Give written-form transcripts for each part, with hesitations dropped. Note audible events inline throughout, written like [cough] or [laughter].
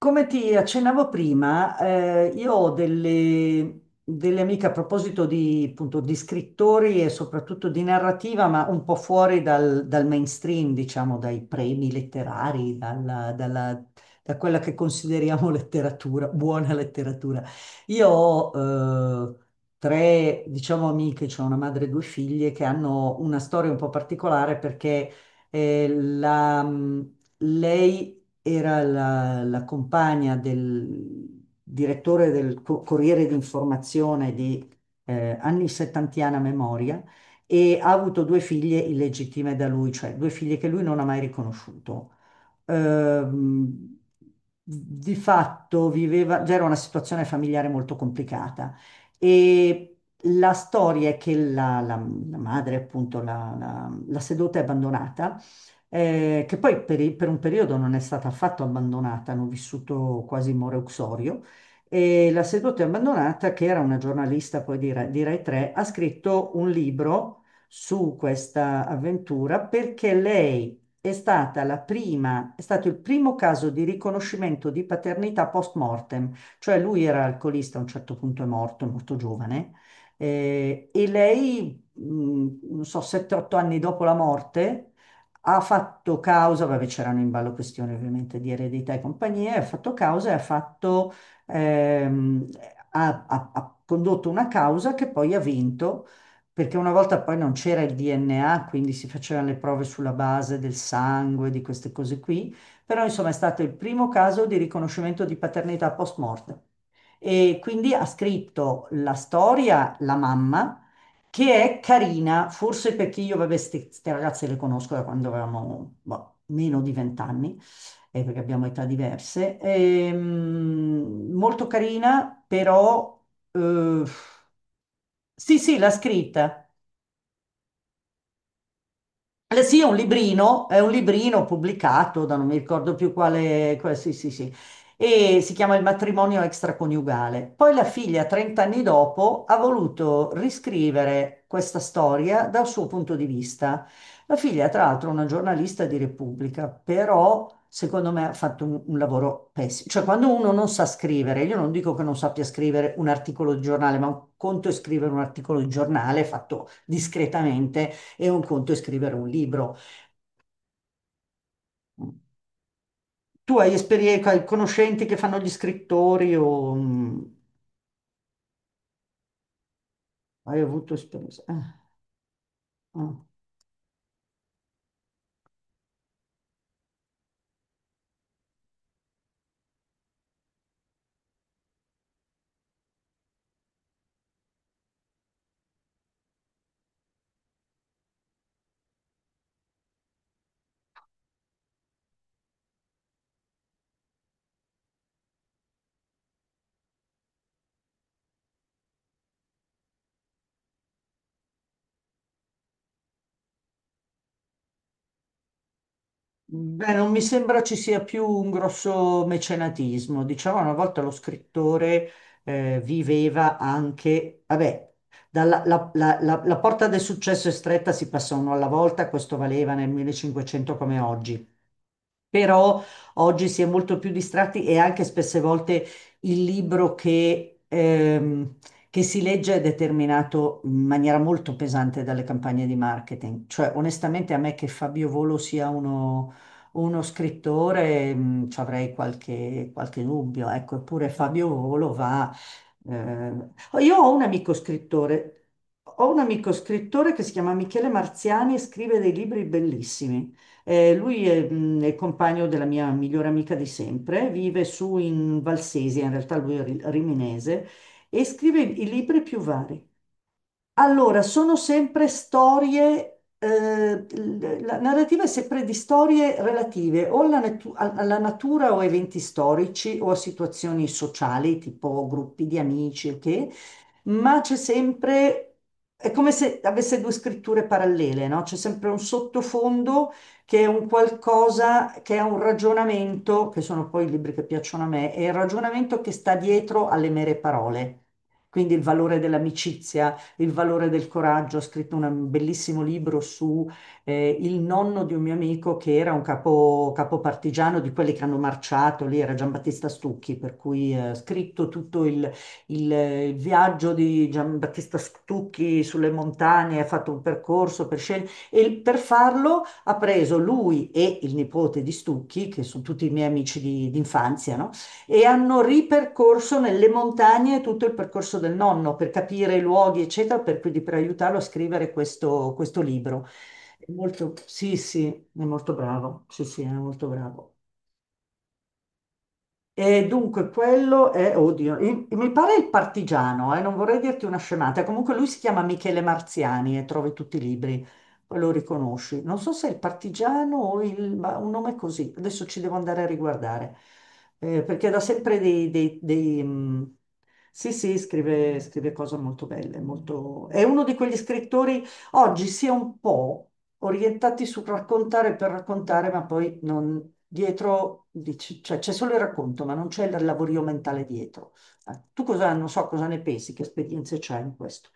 Come ti accennavo prima, io ho delle amiche a proposito di, appunto, di scrittori e soprattutto di narrativa, ma un po' fuori dal mainstream, diciamo, dai premi letterari, da quella che consideriamo [laughs] letteratura, buona letteratura. Io ho tre, diciamo, amiche, cioè una madre e due figlie, che hanno una storia un po' particolare perché eh, la, lei era la compagna del direttore del Corriere d'Informazione di anni settantiana memoria. E ha avuto due figlie illegittime da lui, cioè due figlie che lui non ha mai riconosciuto. ehm, di fatto viveva, già era una situazione familiare molto complicata, e la storia è che la madre, appunto, la seduta è abbandonata, che poi per un periodo non è stata affatto abbandonata, hanno vissuto quasi in Moreuxorio. E la seduta è abbandonata, che era una giornalista poi di Rai 3, ha scritto un libro su questa avventura perché lei è stata la prima, è stato il primo caso di riconoscimento di paternità post mortem, cioè lui era alcolista, a un certo punto è morto giovane. E lei, non so, 7-8 anni dopo la morte, ha fatto causa, vabbè, c'erano in ballo questioni ovviamente di eredità e compagnie, ha fatto causa e ha fatto, ehm, ha ha- ha condotto una causa che poi ha vinto, perché una volta poi non c'era il DNA, quindi si facevano le prove sulla base del sangue, di queste cose qui. Però insomma, è stato il primo caso di riconoscimento di paternità post mortem. E quindi ha scritto la storia la mamma, che è carina, forse perché io, vabbè, queste ragazze le conosco da quando avevamo boh, meno di vent'anni, perché abbiamo età diverse. Molto carina, però. eh, sì, sì, l'ha scritta. Eh sì, è un librino, pubblicato da non mi ricordo più quale, sì, sì, sì, e si chiama Il matrimonio extraconiugale. Poi la figlia, 30 anni dopo, ha voluto riscrivere questa storia dal suo punto di vista. La figlia, tra l'altro, è una giornalista di Repubblica, però secondo me ha fatto un lavoro pessimo. Cioè, quando uno non sa scrivere, io non dico che non sappia scrivere un articolo di giornale, ma un conto è scrivere un articolo di giornale fatto discretamente e un conto è scrivere un libro. Tu hai esperienza, conoscenti che fanno gli scrittori o hai avuto esperienza? Eh. Beh, non mi sembra ci sia più un grosso mecenatismo. Diciamo, una volta lo scrittore viveva anche, vabbè, dalla, la, la- la- la porta del successo è stretta, si passa uno alla volta. Questo valeva nel 1500 come oggi. Però oggi si è molto più distratti e anche spesse volte il libro che si legge è determinato in maniera molto pesante dalle campagne di marketing. Cioè, onestamente, a me che Fabio Volo sia uno scrittore, ci avrei qualche dubbio. Ecco, eppure Fabio Volo va. eh, Io ho un amico scrittore. Ho un amico scrittore che si chiama Michele Marziani e scrive dei libri bellissimi. Lui è il compagno della mia migliore amica di sempre, vive su in Valsesia. In realtà lui è riminese, e scrive i libri più vari. Allora, sono sempre storie, la narrativa è sempre di storie relative o alla natura o a eventi storici o a situazioni sociali, tipo gruppi di amici, ok? Ma c'è sempre, è come se avesse due scritture parallele, no? C'è sempre un sottofondo che è un qualcosa, che è un ragionamento, che sono poi i libri che piacciono a me, è il ragionamento che sta dietro alle mere parole. Quindi il valore dell'amicizia, il valore del coraggio. Ho scritto un bellissimo libro su il nonno di un mio amico che era un capo partigiano di quelli che hanno marciato lì, era Giambattista Stucchi, per cui ho scritto tutto il viaggio di Giambattista Stucchi sulle montagne. Ha fatto un percorso per scegliere e per farlo, ha preso lui e il nipote di Stucchi, che sono tutti i miei amici di infanzia, no? E hanno ripercorso nelle montagne tutto il percorso del nonno per capire i luoghi, eccetera, quindi per aiutarlo a scrivere questo libro. Sì, sì, è molto bravo. Sì, sì, è molto bravo. E dunque quello è, oddio, mi pare il partigiano, non vorrei dirti una scemata. Comunque lui si chiama Michele Marziani e trovi tutti i libri, poi lo riconosci. Non so se è il partigiano o ma un nome così, adesso ci devo andare a riguardare. Perché da sempre dei. Sì, sì, scrive cose molto belle. È uno di quegli scrittori oggi si è un po' orientati sul raccontare per raccontare, ma poi non dietro, cioè c'è solo il racconto, ma non c'è il lavorio mentale dietro. Non so cosa ne pensi, che esperienze c'è in questo?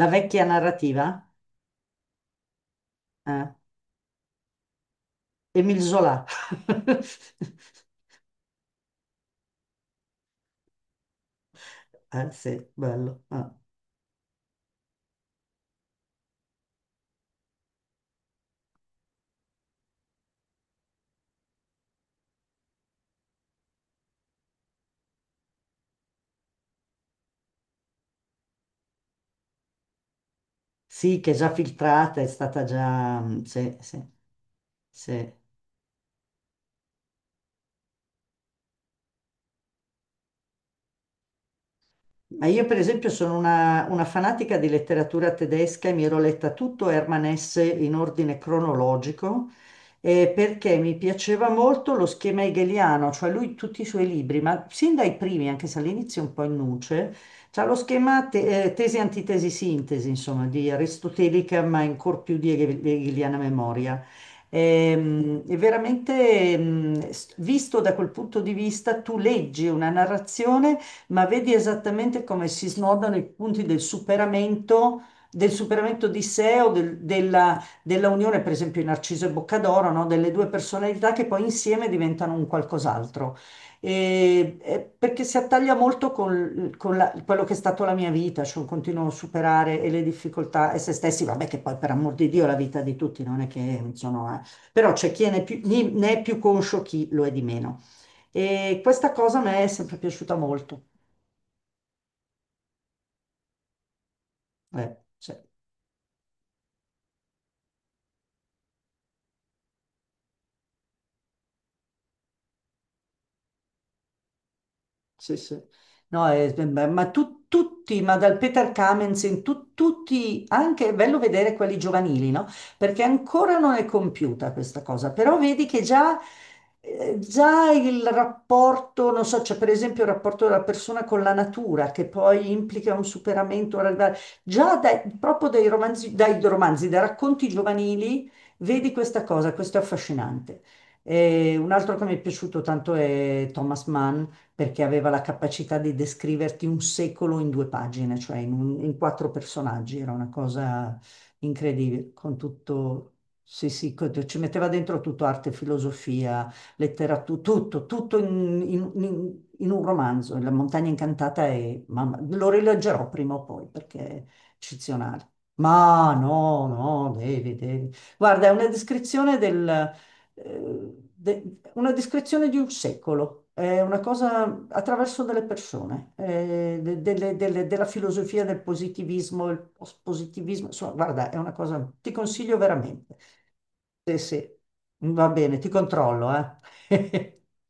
La vecchia narrativa? Eh? Émile Zola. [laughs] Sì, bello. Ah. Sì, che è già filtrata, è stata già, mm. Sì, sì, sì. Ma io per esempio sono una fanatica di letteratura tedesca e mi ero letta tutto Hermann Hesse in ordine cronologico, perché mi piaceva molto lo schema hegeliano, cioè lui tutti i suoi libri, ma sin dai primi, anche se all'inizio è un po' in nuce, c'ha lo schema tesi, antitesi, sintesi, insomma, di aristotelica, ma ancora più di hegeliana memoria. E, veramente, visto da quel punto di vista, tu leggi una narrazione ma vedi esattamente come si snodano i punti del superamento di sé o della unione, per esempio in Narciso e Boccadoro, no? Delle due personalità che poi insieme diventano un qualcos'altro. E perché si attaglia molto con quello che è stato la mia vita, cioè un continuo superare e le difficoltà e se stessi, vabbè che poi per amor di Dio la vita di tutti non è che sono. Però c'è chi ne è più conscio, chi lo è di meno. E questa cosa a me è sempre piaciuta molto. Sì. Sì, sì. No, ma tutti, ma dal Peter Kamenzen, tutti, anche è bello vedere quelli giovanili, no? Perché ancora non è compiuta questa cosa, però vedi che già il rapporto, non so, c'è per esempio il rapporto della persona con la natura, che poi implica un superamento, un arrivare- già dai- proprio dai romanzi, dai racconti giovanili, vedi questa cosa, questo è affascinante. E un altro che mi è piaciuto tanto è Thomas Mann, perché aveva la capacità di descriverti un secolo in due pagine, cioè in quattro personaggi, era una cosa incredibile, con tutto, sì, sì, ci metteva dentro tutto arte, filosofia, letteratura, tutto in un romanzo. La montagna incantata è, mamma, lo rileggerò prima o poi perché è eccezionale. Ma no, no, devi, devi. Guarda, è una descrizione di un secolo, è una cosa attraverso delle persone, della filosofia del positivismo, il positivismo, insomma, guarda, è una cosa, ti consiglio veramente. Sì, sì, va bene, ti controllo, eh. [laughs]